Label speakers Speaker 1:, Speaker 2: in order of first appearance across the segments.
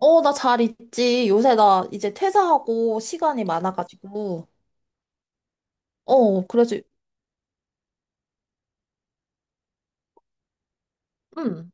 Speaker 1: 어, 나 잘 있지. 요새 나 이제 퇴사하고 시간이 많아가지고. 어, 그래서. 음.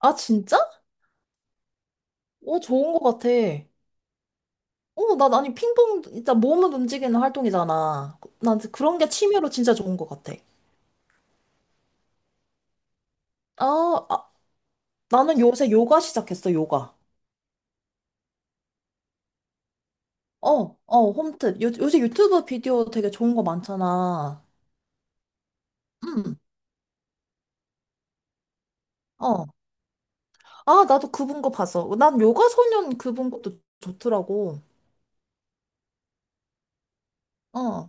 Speaker 1: 아, 진짜? 어, 좋은 것 같아. 어, 나, 아니, 핑퐁, 진짜 몸을 움직이는 활동이잖아. 난 그런 게 취미로 진짜 좋은 것 같아. 아, 아, 나는 요새 요가 시작했어, 요가. 어, 어, 홈트. 요새 유튜브 비디오 되게 좋은 거 많잖아. 음. 어. 아, 나도 그분 거 봤어. 난 요가 소년 그분 것도 좋더라고. 어.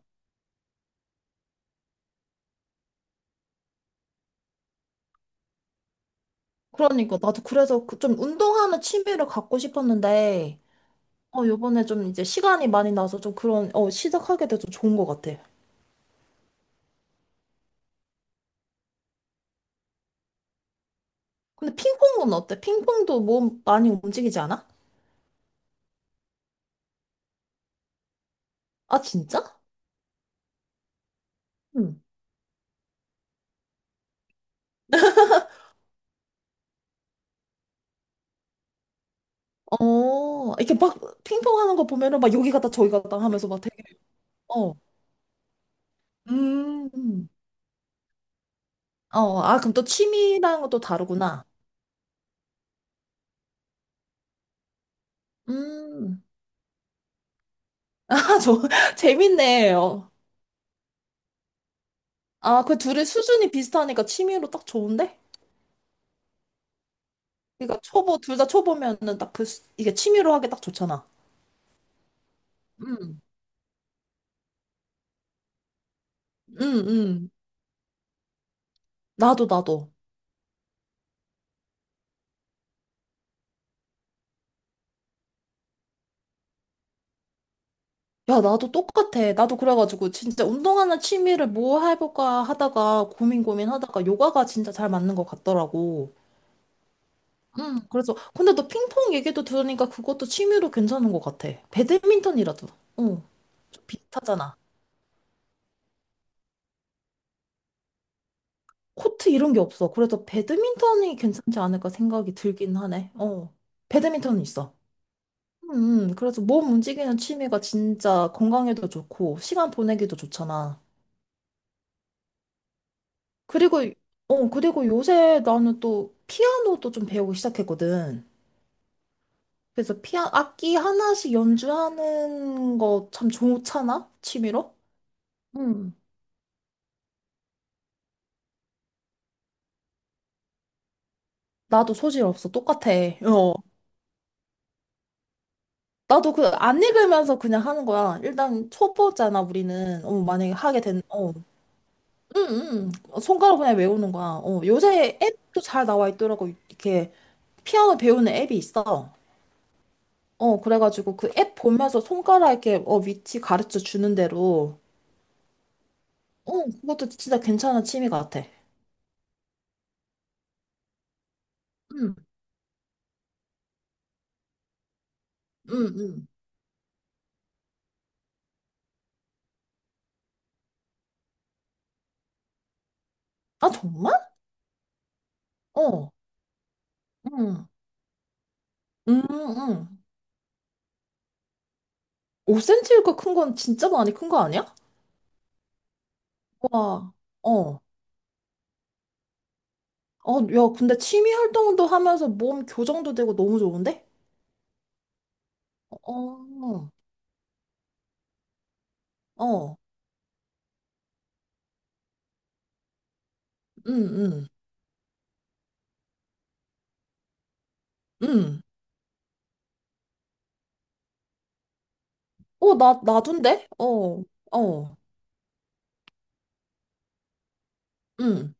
Speaker 1: 그러니까 나도 그래서 그 좀 운동하는 취미를 갖고 싶었는데 요번에 좀 이제 시간이 많이 나서 좀 그런 시작하게 돼서 좋은 것 같아. 근데 핑퐁은 어때? 핑퐁도 몸 많이 움직이지 않아? 아, 진짜? 응. 어, 이렇게 막 핑퐁 하는 거 보면은 막 여기 갔다 저기 갔다 하면서 막 되게 어 음. 어, 아, 그럼 또 취미라는 것도 다르구나. 음. 아, 저, 재밌네. 요. 아, 그 둘의 수준이 비슷하니까 취미로 딱 좋은데? 그러니까 초보 둘 다 초보면은 딱 이게 취미로 하기 딱 좋잖아. 응, 응, 응. 나도 나도. 야, 나도 똑같아. 나도 그래가지고 진짜 운동하는 취미를 뭐 해볼까 하다가 고민 고민하다가 요가가 진짜 잘 맞는 것 같더라고. 응. 그래서 근데 너 핑퐁 얘기도 들으니까 그것도 취미로 괜찮은 것 같아. 배드민턴이라도. 어. 좀 비슷하잖아. 코트 이런 게 없어. 그래서 배드민턴이 괜찮지 않을까 생각이 들긴 하네. 어. 배드민턴은 있어. 그래서 몸 움직이는 취미가 진짜 건강에도 좋고, 시간 보내기도 좋잖아. 그리고, 그리고 요새 나는 또 피아노도 좀 배우기 시작했거든. 그래서 악기 하나씩 연주하는 거 참 좋잖아? 취미로? 음, 나도 소질 없어. 똑같아. 어. 나도 그 안 읽으면서 그냥 하는 거야. 일단 초보잖아, 우리는. 만약에 하게 된, 어. 응, 응. 손가락 그냥 외우는 거야. 요새 앱도 잘 나와 있더라고. 이렇게 피아노 배우는 앱이 있어. 어, 그래가지고 그 앱 보면서 손가락 이렇게 위치 가르쳐 주는 대로. 어, 그것도 진짜 괜찮은 취미 같아. 응, 응, 응. 아, 정말? 어, 응, 응, 응. 5cm가 큰 건 진짜 많이 큰 거 아니야? 와, 어. 어, 야, 근데 취미 활동도 하면서 몸 교정도 되고 너무 좋은데? 어, 어, 응, 응, 응. 어, 나둔데? 어, 어, 응.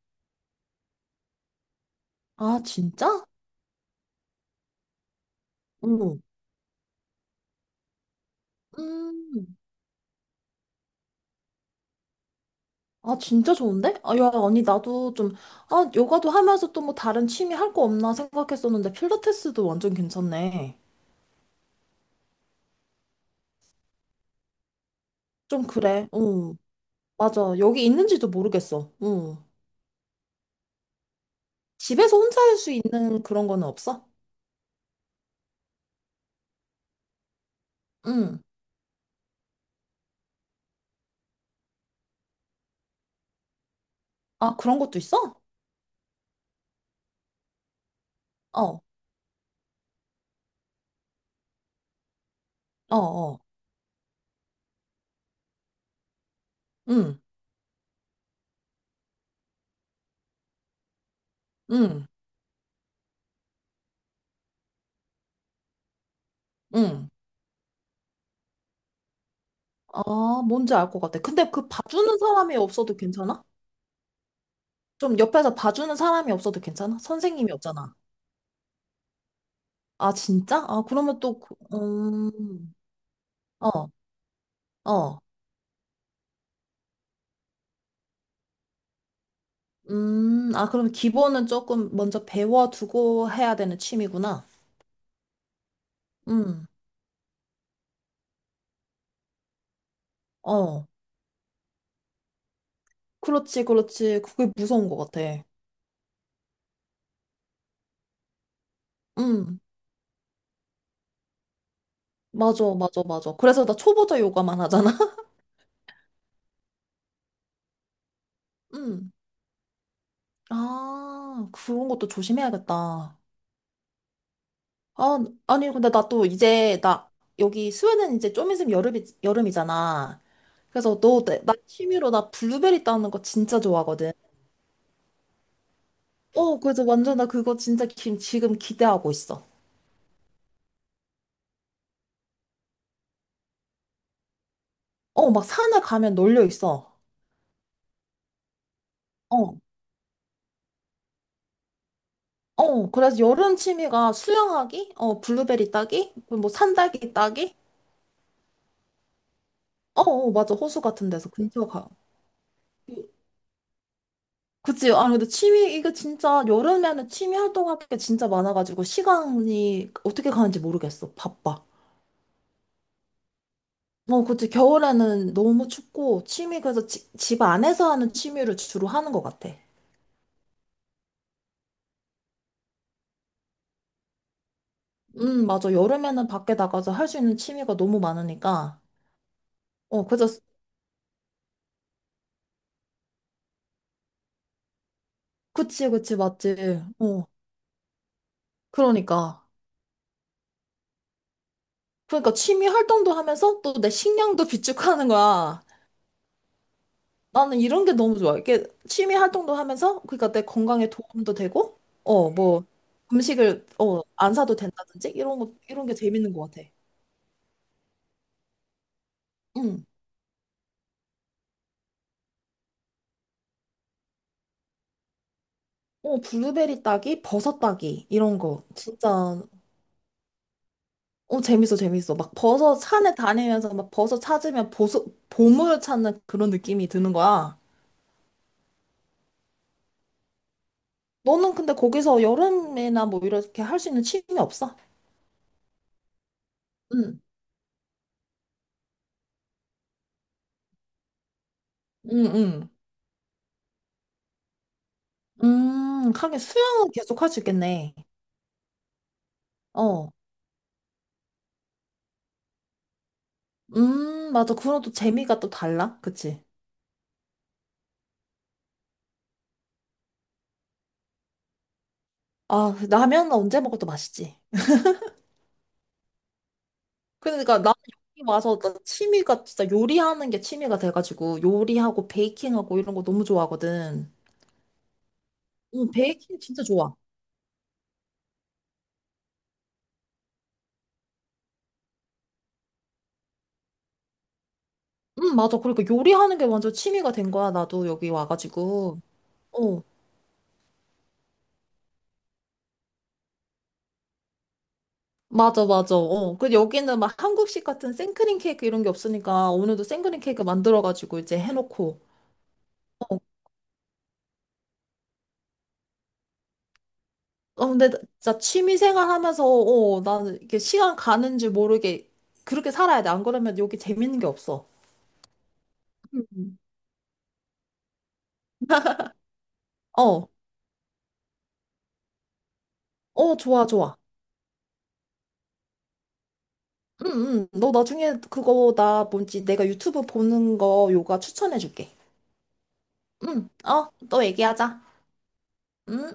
Speaker 1: 아, 진짜? 응. 음. 아, 진짜 좋은데? 아, 야, 아니, 나도 좀. 아, 요가도 하면서 또 뭐 다른 취미 할 거 없나 생각했었는데, 필라테스도 완전 괜찮네. 좀 그래, 응. 맞아. 여기 있는지도 모르겠어. 응. 집에서 혼자 할 수 있는 그런 거는 없어? 응. 아, 그런 것도 있어? 어, 어, 어. 응, 응, 응. 아, 뭔지 알 것 같아. 근데 그 봐주는 사람이 없어도 괜찮아? 좀 옆에서 봐주는 사람이 없어도 괜찮아? 선생님이 없잖아. 아, 진짜? 아, 그러면 또, 어, 어. 아, 그럼 기본은 조금 먼저 배워두고 해야 되는 취미구나. 음, 어. 그렇지, 그렇지. 그게 무서운 것 같아. 음, 맞아, 맞아, 맞아. 그래서 나 초보자 요가만 하잖아. 음, 아, 그런 것도 조심해야겠다. 아, 아니, 근데 나 또 이제, 나, 여기 스웨덴 이제 좀 있으면 여름이, 여름이잖아. 그래서 너, 나 취미로 나 블루베리 따는 거 진짜 좋아하거든. 어, 그래서 완전 나 그거 진짜 지금 기대하고 있어. 어, 막 산에 가면 놀려 있어. 어, 어, 그래서 여름 취미가 수영하기, 어, 블루베리 따기, 그리고 뭐 산딸기 따기. 어, 어, 맞아. 호수 같은 데서 근처 가. 그치? 아, 근데 취미, 이거 진짜 여름에는 취미 활동할 게 진짜 많아가지고 시간이 어떻게 가는지 모르겠어. 바빠. 어, 그치. 겨울에는 너무 춥고 취미, 그래서 집 안에서 하는 취미를 주로 하는 것 같아. 맞아. 여름에는 밖에 나가서 할 수 있는 취미가 너무 많으니까. 어, 그래서. 그치, 그치, 맞지. 어, 그러니까. 그러니까 취미 활동도 하면서 또 내 식량도 비축하는 거야. 나는 이런 게 너무 좋아. 이게 취미 활동도 하면서, 그러니까 내 건강에 도움도 되고, 어, 뭐, 음식을, 어, 안 사도 된다든지? 이런 거, 이런 게 재밌는 것 같아. 응. 어, 블루베리 따기, 버섯 따기, 이런 거. 진짜. 어, 재밌어, 재밌어. 막 버섯 산에 다니면서 막 버섯 찾으면 보물 찾는 그런 느낌이 드는 거야. 너는 근데 거기서 여름이나 뭐 이렇게 할 수 있는 취미 없어? 응, 응, 응. 하긴 수영은 계속 할 수 있겠네. 어, 맞아. 그런 또 재미가 또 달라. 그치? 아, 라면 언제 먹어도 맛있지. 그러니까 나는 여기 와서 나 취미가 진짜 요리하는 게 취미가 돼가지고 요리하고 베이킹하고 이런 거 너무 좋아하거든. 응, 베이킹 진짜 좋아. 응, 맞아. 그러니까 요리하는 게 완전 취미가 된 거야. 나도 여기 와가지고. 어, 맞아, 맞아. 어. 그 여기는 막 한국식 같은 생크림 케이크 이런 게 없으니까 오늘도 생크림 케이크 만들어가지고 이제 해놓고. 어, 근데 진짜 취미 생활 하면서, 어, 나는 이게 시간 가는 줄 모르게 그렇게 살아야 돼. 안 그러면 여기 재밌는 게 없어. 음. 어, 어, 좋아, 좋아. 응, 응. 너 나중에 그거 나 뭔지 내가 유튜브 보는 거 요가 추천해줄게. 응, 어, 또 얘기하자. 응.